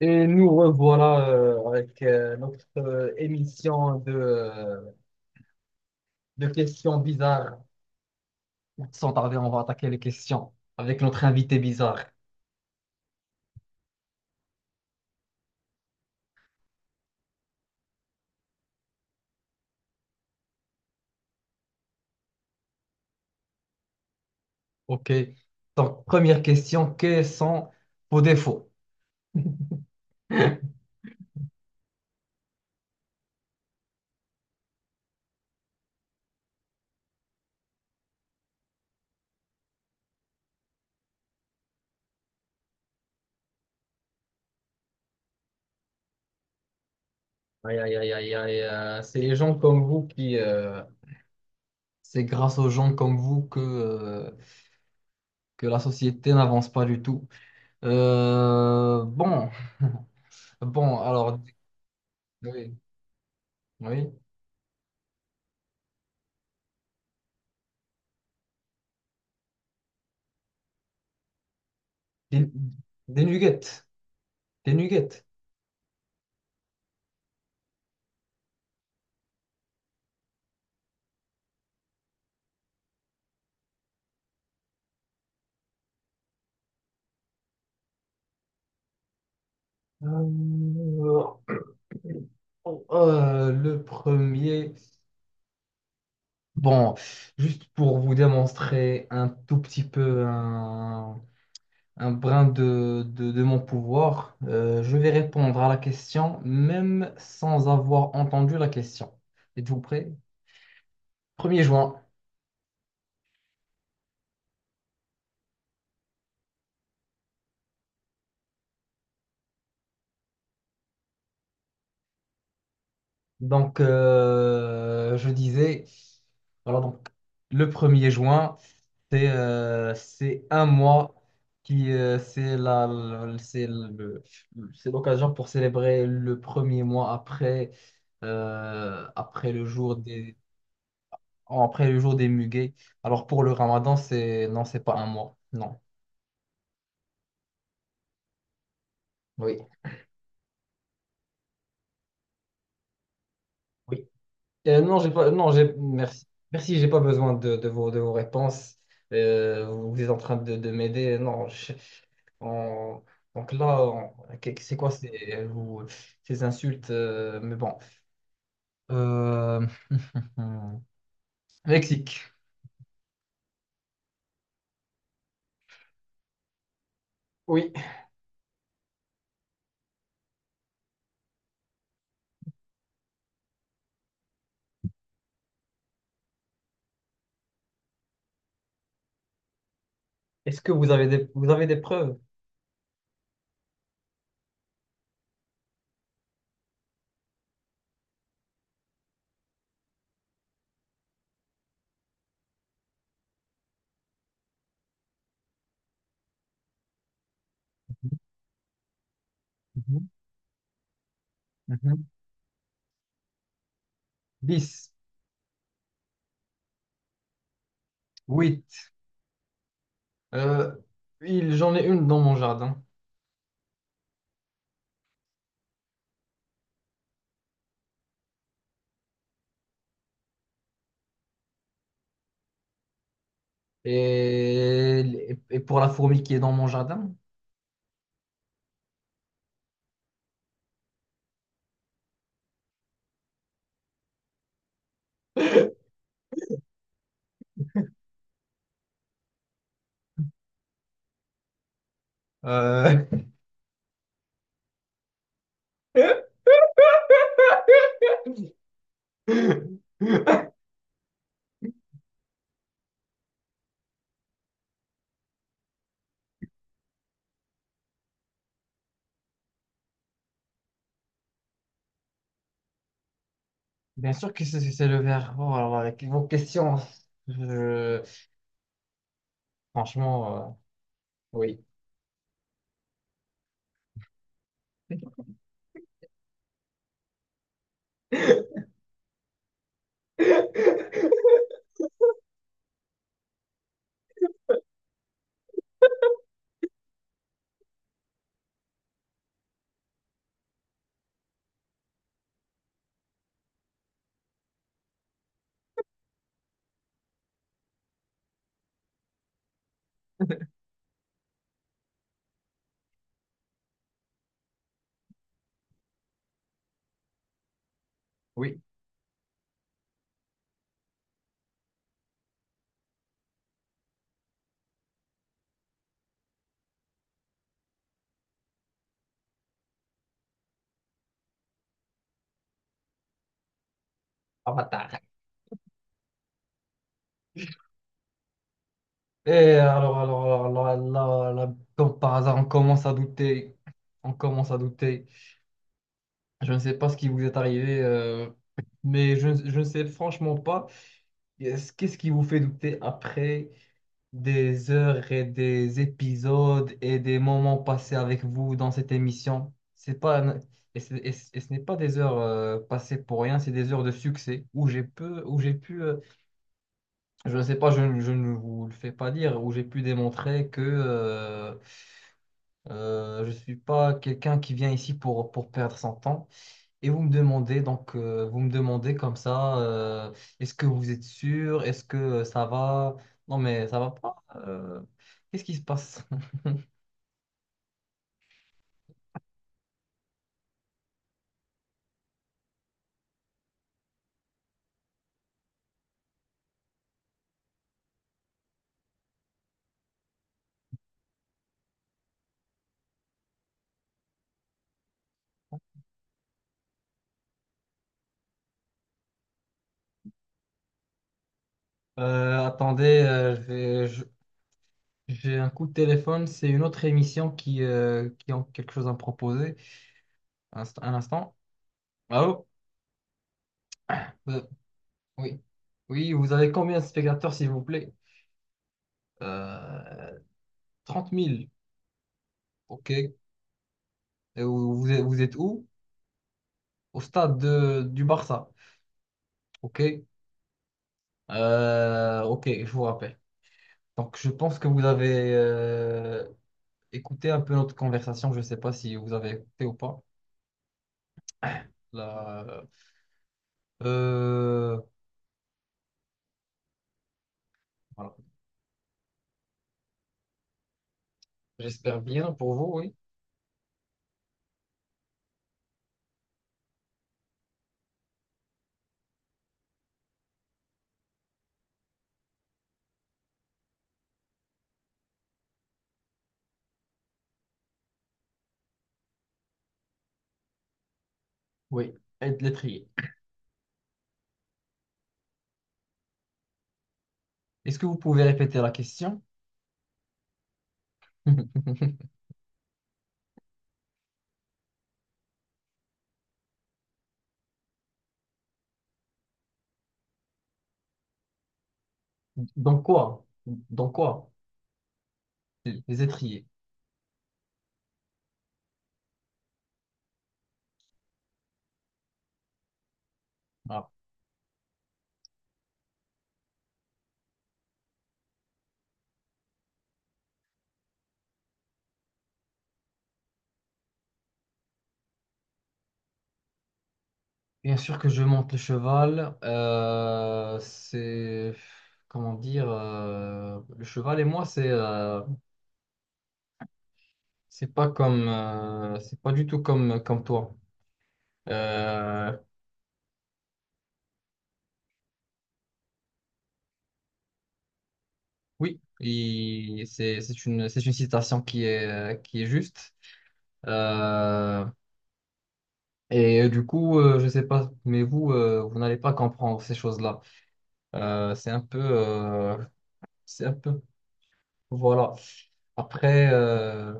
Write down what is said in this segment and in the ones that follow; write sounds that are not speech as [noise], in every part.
Et nous revoilà avec notre émission de questions bizarres. Sans tarder, on va attaquer les questions avec notre invité bizarre. OK. Donc, première question, quels sont vos défauts? [laughs] Aïe, aïe, aïe, aïe, aïe, c'est les gens comme vous qui... c'est grâce aux gens comme vous que la société n'avance pas du tout. Bon, bon, alors... Oui, oui. Des, des nuggets. Des nuggets. Euh, oh, le premier, bon, juste pour vous démontrer un tout petit peu un brin de mon pouvoir, je vais répondre à la question même sans avoir entendu la question. Êtes-vous prêt? Premier juin. Donc, je disais, voilà, donc, le premier juin. C'est un mois qui c'est la le- c'est l'occasion pour célébrer le premier mois après euh, après le jour des après le jour des muguets. Alors pour le Ramadan, c'est non, c'est pas un mois. Non. Oui. Non, j'ai, merci. Merci, j'ai pas besoin de vos réponses. Vous êtes en train de m'aider. Non, je- on- donc là, c'est quoi ces, ces insultes? Mais bon. Euh, [laughs] Mexique. Oui. Est-ce que vous avez des preuves? Mhm, mhm. 10, 8. Euh, j'en ai une dans mon jardin. Et pour la fourmi qui est dans mon jardin, euh, [laughs] Bien sûr que c'est le verre. Oh, alors avec vos questions, je- franchement, oui. [laughs] Oui, Avatar. Et alors, là, là, comme par hasard, on commence à douter. On commence à douter. Je ne sais pas ce qui vous est arrivé, mais je ne sais franchement pas. Qu'est-ce qui vous fait douter après des heures et des épisodes et des moments passés avec vous dans cette émission? C'est pas, un- et, c'est- et ce n'est pas des heures passées pour rien, c'est des heures de succès où j'ai pu je ne sais pas, je ne vous le fais pas dire, où j'ai pu démontrer que je ne suis pas quelqu'un qui vient ici pour perdre son temps. Et vous me demandez, donc, vous me demandez comme ça, est-ce que vous êtes sûr? Est-ce que ça va? Non, mais ça va pas. Qu'est-ce qui se passe? [laughs] Attendez, j'ai un coup de téléphone. C'est une autre émission qui a quelque chose à me proposer. Un instant. Allô? Euh, oui. Oui, vous avez combien de spectateurs, s'il vous plaît? Euh, 30 000. OK. Et vous, vous êtes où? Au du Barça. OK. Ok, je vous rappelle. Donc, je pense que vous avez écouté un peu notre conversation. Je ne sais pas si vous avez écouté ou pas. La- euh, euh, voilà. J'espère bien pour vous, oui. Oui, et de l'étrier. Est-ce que vous pouvez répéter la question? [laughs] Dans quoi? Dans quoi? Les étriers. Voilà. Bien sûr que je monte le cheval. C'est... Comment dire? Le cheval et moi, c'est... c'est pas comme, c'est pas du tout comme, comme toi. Euh, oui, c'est une citation qui est juste. Euh, et du coup, je sais pas, mais vous, vous n'allez pas comprendre ces choses-là. Euh, c'est un peu, euh, c'est un peu, voilà. Après,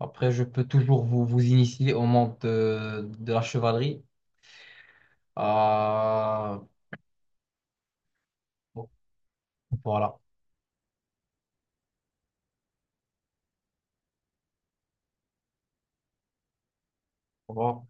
après, je peux toujours vous, vous initier au monde de la chevalerie. Ah, bon, voilà. Au revoir.